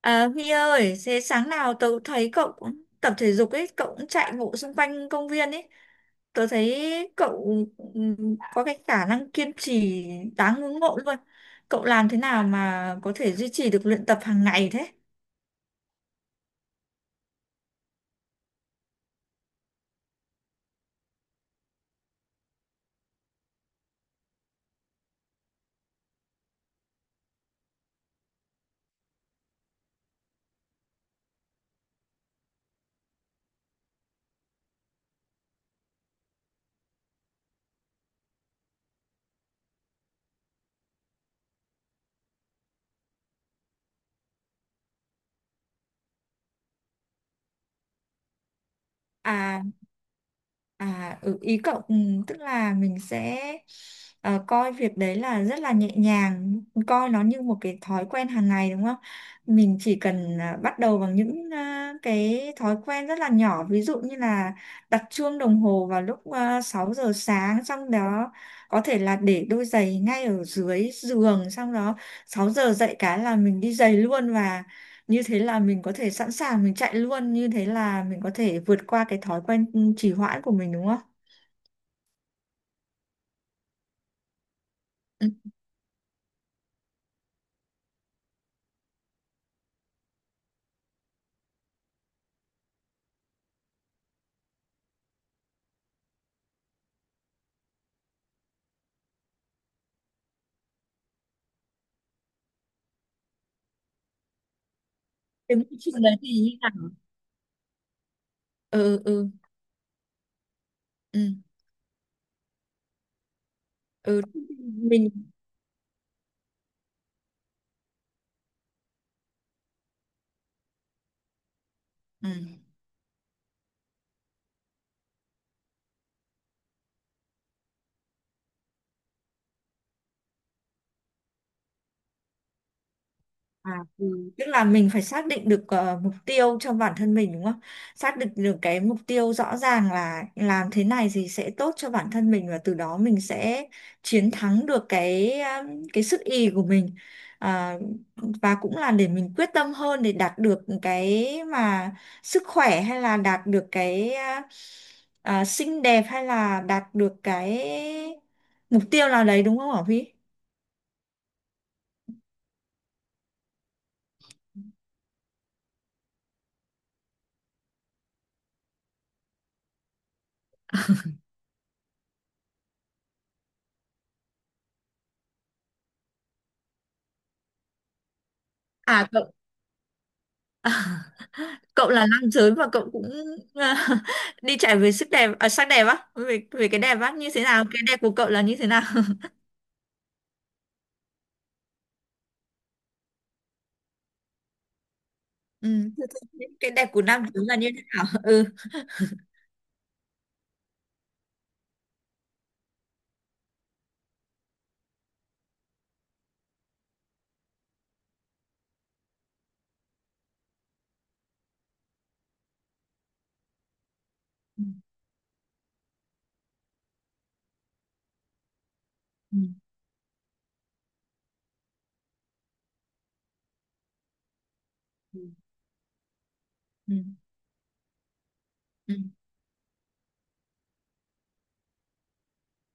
À, Huy ơi, thế sáng nào tớ cũng thấy cậu cũng tập thể dục ấy, cậu cũng chạy bộ xung quanh công viên ấy. Tớ thấy cậu có cái khả năng kiên trì đáng ngưỡng mộ luôn. Cậu làm thế nào mà có thể duy trì được luyện tập hàng ngày thế? À, à, ừ, ý cậu tức là mình sẽ coi việc đấy là rất là nhẹ nhàng, coi nó như một cái thói quen hàng ngày đúng không? Mình chỉ cần bắt đầu bằng những cái thói quen rất là nhỏ, ví dụ như là đặt chuông đồng hồ vào lúc 6 giờ sáng, xong đó có thể là để đôi giày ngay ở dưới giường, xong đó 6 giờ dậy cái là mình đi giày luôn và như thế là mình có thể sẵn sàng mình chạy luôn như thế là mình có thể vượt qua cái thói quen trì hoãn của mình đúng không? Ừ. Cái môi trường đấy thì như nào? Ừ, ừ, ừ, ừ, mình, ừ. À, ừ. Tức là mình phải xác định được mục tiêu cho bản thân mình đúng không? Xác định được cái mục tiêu rõ ràng là làm thế này thì sẽ tốt cho bản thân mình và từ đó mình sẽ chiến thắng được cái sức ì của mình. À, và cũng là để mình quyết tâm hơn để đạt được cái mà sức khỏe hay là đạt được cái xinh đẹp hay là đạt được cái mục tiêu nào đấy đúng không hả Vy? À cậu cậu là nam giới và cậu cũng à, đi chạy về sức đẹp à, sắc đẹp á về về cái đẹp á như thế nào, cái đẹp của cậu là như thế nào? Ừ. Thế thì cái đẹp của nam giới là như thế nào? Ừ. Ừ. Ừ. Ừ. Ừ.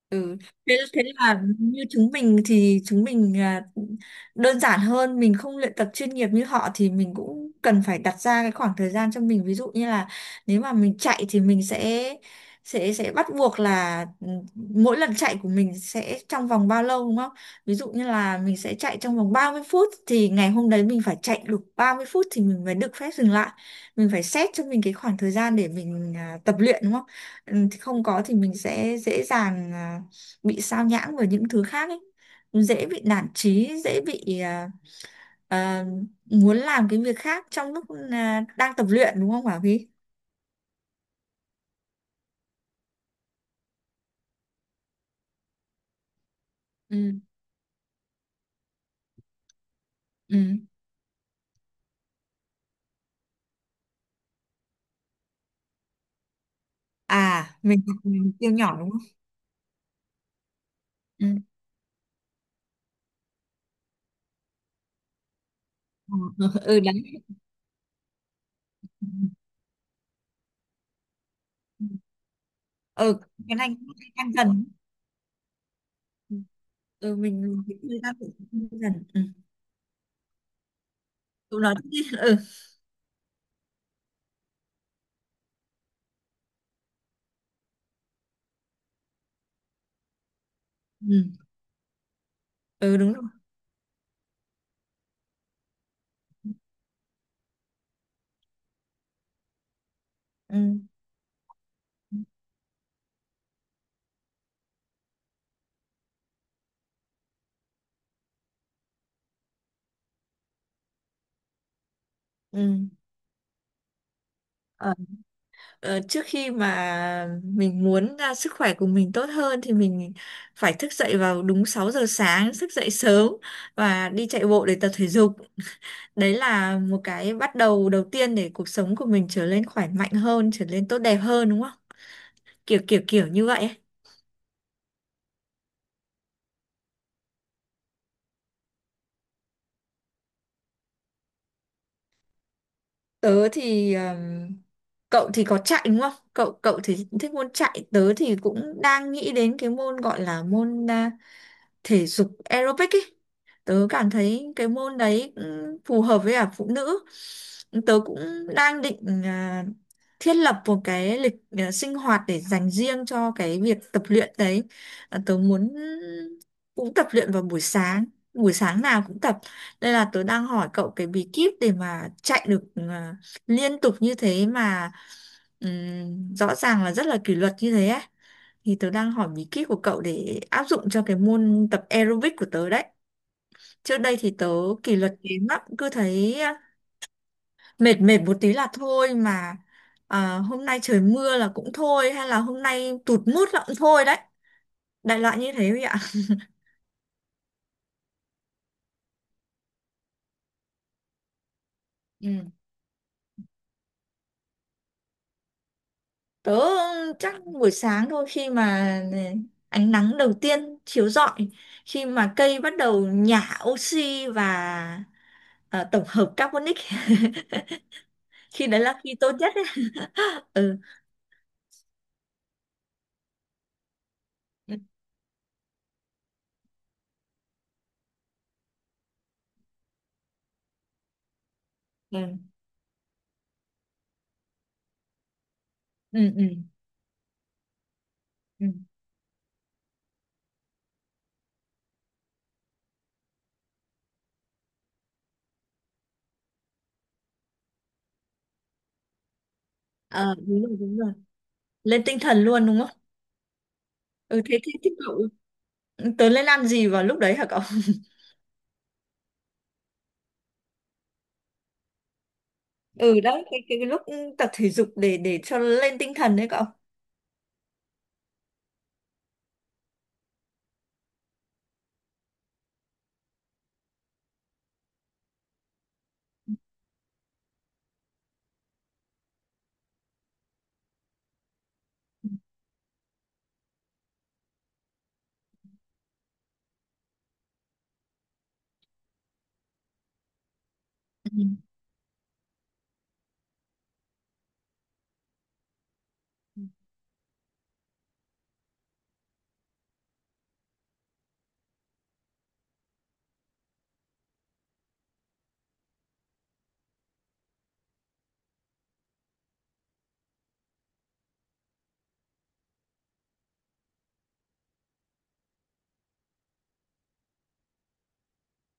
Ừ. Thế, thế là như chúng mình thì chúng mình là đơn giản hơn, mình không luyện tập chuyên nghiệp như họ thì mình cũng cần phải đặt ra cái khoảng thời gian cho mình, ví dụ như là nếu mà mình chạy thì mình sẽ bắt buộc là mỗi lần chạy của mình sẽ trong vòng bao lâu đúng không? Ví dụ như là mình sẽ chạy trong vòng 30 phút thì ngày hôm đấy mình phải chạy được 30 phút thì mình mới được phép dừng lại. Mình phải xét cho mình cái khoảng thời gian để mình tập luyện đúng không? Ừ, thì không có thì mình sẽ dễ dàng bị sao nhãng với những thứ khác ấy, dễ bị nản chí, dễ bị à, muốn làm cái việc khác trong lúc đang tập luyện đúng không Bảo Vy? Ừ, ừ. À mình học mình siêu nhỏ đúng không? Ừ. Ừ, ừ, đấy. Ừ, cái này cũng đang dần, ừ, ừ, mình thời gian cũng đang tự dần, ừ, tụi nó cũng- ừ, ừ, ừ, đúng rồi, ừ, ừ. Ờ, ờ, trước khi mà mình muốn sức khỏe của mình tốt hơn thì mình phải thức dậy vào đúng 6 giờ sáng, thức dậy sớm và đi chạy bộ để tập thể dục. Đấy là một cái bắt đầu đầu tiên để cuộc sống của mình trở nên khỏe mạnh hơn, trở nên tốt đẹp hơn đúng không? Kiểu kiểu kiểu như vậy ấy. Tớ thì cậu thì có chạy đúng không? Cậu cậu thì thích môn chạy, tớ thì cũng đang nghĩ đến cái môn gọi là môn thể dục aerobic ý. Tớ cảm thấy cái môn đấy cũng phù hợp với cả phụ nữ. Tớ cũng đang định thiết lập một cái lịch sinh hoạt để dành riêng cho cái việc tập luyện đấy. À, tớ muốn cũng tập luyện vào buổi sáng nào cũng tập. Đây là tớ đang hỏi cậu cái bí kíp để mà chạy được liên tục như thế mà rõ ràng là rất là kỷ luật như thế ấy, thì tớ đang hỏi bí kíp của cậu để áp dụng cho cái môn tập aerobic của tớ đấy. Trước đây thì tớ kỷ luật kém lắm, cứ thấy mệt mệt một tí là thôi mà, hôm nay trời mưa là cũng thôi hay là hôm nay tụt mood là cũng thôi đấy. Đại loại như thế vậy ạ. Ừ. Tớ chắc buổi sáng thôi, khi mà à, ánh nắng đầu tiên chiếu rọi, khi mà cây bắt đầu nhả oxy và tổng hợp carbonic, khi đấy là khi tốt nhất ấy. Ừ. Ừ. Ừ, ừ, ừ, à, đúng rồi đúng rồi, lên tinh thần luôn đúng không? Ừ, thế thế thế cậu, ừ, tớ lên ăn gì vào lúc đấy hả cậu? Ừ đấy, cái lúc tập thể dục để cho lên tinh thần đấy cậu. Ừ,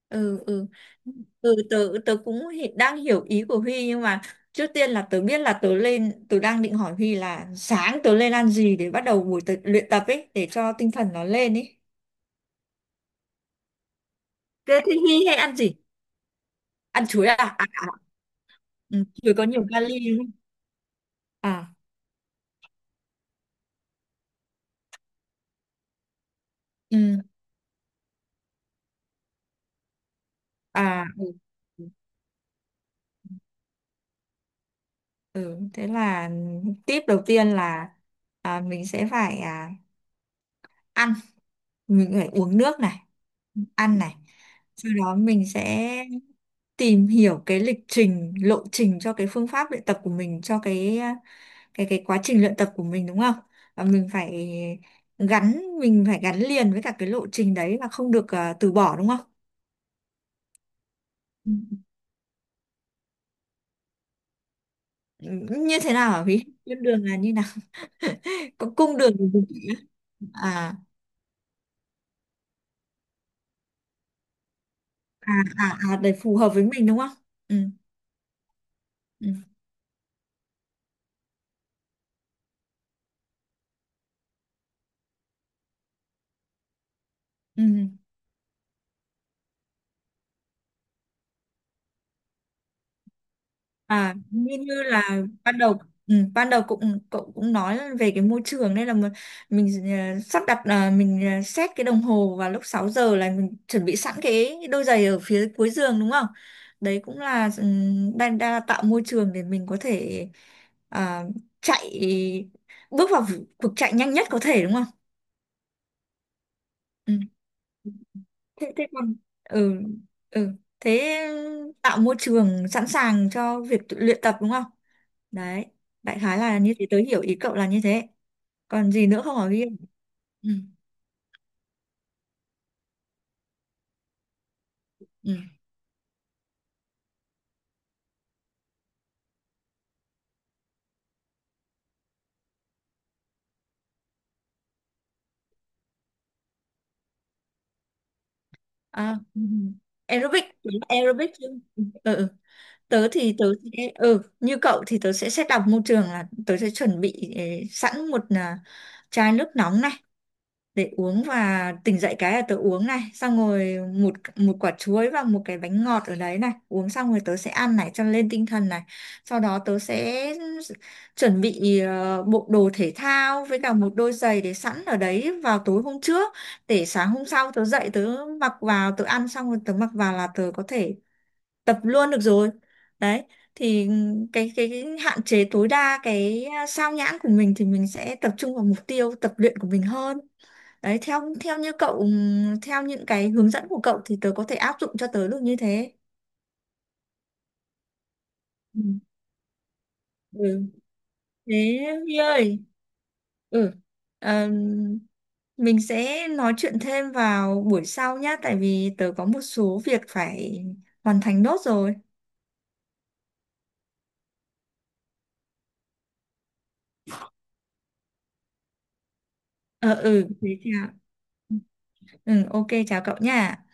ừ, ừ. Ừ, tớ tớ cũng hi- đang hiểu ý của Huy nhưng mà trước tiên là tớ biết là tớ lên, tớ đang định hỏi Huy là sáng tớ lên ăn gì để bắt đầu buổi tập, luyện tập ấy để cho tinh thần nó lên ấy, thế thì Huy hay ăn gì? Ăn chuối à, à, à. Ừ, chuối có nhiều kali đúng không? À. Ừ. À, ừ. Ừ, ừ, thế là tip đầu tiên là mình sẽ phải ăn, mình phải uống nước này, ăn này. Sau đó mình sẽ tìm hiểu cái lịch trình, lộ trình cho cái phương pháp luyện tập của mình, cho cái quá trình luyện tập của mình đúng không? Và mình phải mình phải gắn liền với cả cái lộ trình đấy và không được từ bỏ đúng không? Ừ. Như thế nào hả Thúy? Con đường là như nào? Có cung đường của, à à à à để phù hợp với mình đúng không? Ừ, ừ, ừ, à như như là ban đầu, ừ, ban đầu cũng cậu cũng nói về cái môi trường nên là mình sắp đặt là mình set cái đồng hồ vào lúc 6 giờ là mình chuẩn bị sẵn cái đôi giày ở phía cuối giường đúng không? Đấy cũng là, ừ, đang, đang là tạo môi trường để mình có thể ờ, chạy, bước vào cuộc chạy nhanh nhất có thể đúng không? Ừ, thế, thế còn, ừ, ừ, thế, ừ, tạo môi trường sẵn sàng cho việc tự luyện tập đúng không? Đấy, đại khái là như thế, tớ hiểu ý cậu là như thế, còn gì nữa không ở ghi? Ừ, ừ, à, ừ. Aerobic, đúng là aerobic chứ? Ừ, ừ. Ừ. Tớ thì tớ sẽ, ừ, như cậu thì tớ sẽ set up môi trường là tớ sẽ chuẩn bị sẵn một chai nước nóng này để uống, và tỉnh dậy cái là tớ uống này, xong rồi một một quả chuối và một cái bánh ngọt ở đấy này, uống xong rồi tớ sẽ ăn này cho lên tinh thần này, sau đó tớ sẽ chuẩn bị bộ đồ thể thao với cả một đôi giày để sẵn ở đấy vào tối hôm trước, để sáng hôm sau tớ dậy tớ mặc vào, tớ ăn xong rồi tớ mặc vào là tớ có thể tập luôn được rồi. Đấy thì cái hạn chế tối đa cái sao nhãng của mình thì mình sẽ tập trung vào mục tiêu tập luyện của mình hơn. Đấy theo theo như cậu, theo những cái hướng dẫn của cậu thì tớ có thể áp dụng cho tớ được như thế. Ừ. Ừ thế Huy ơi, ừ, ờm, mình sẽ nói chuyện thêm vào buổi sau nhá, tại vì tớ có một số việc phải hoàn thành nốt rồi. Ờ, ừ, thế chào, ừ, ok, chào cậu nha.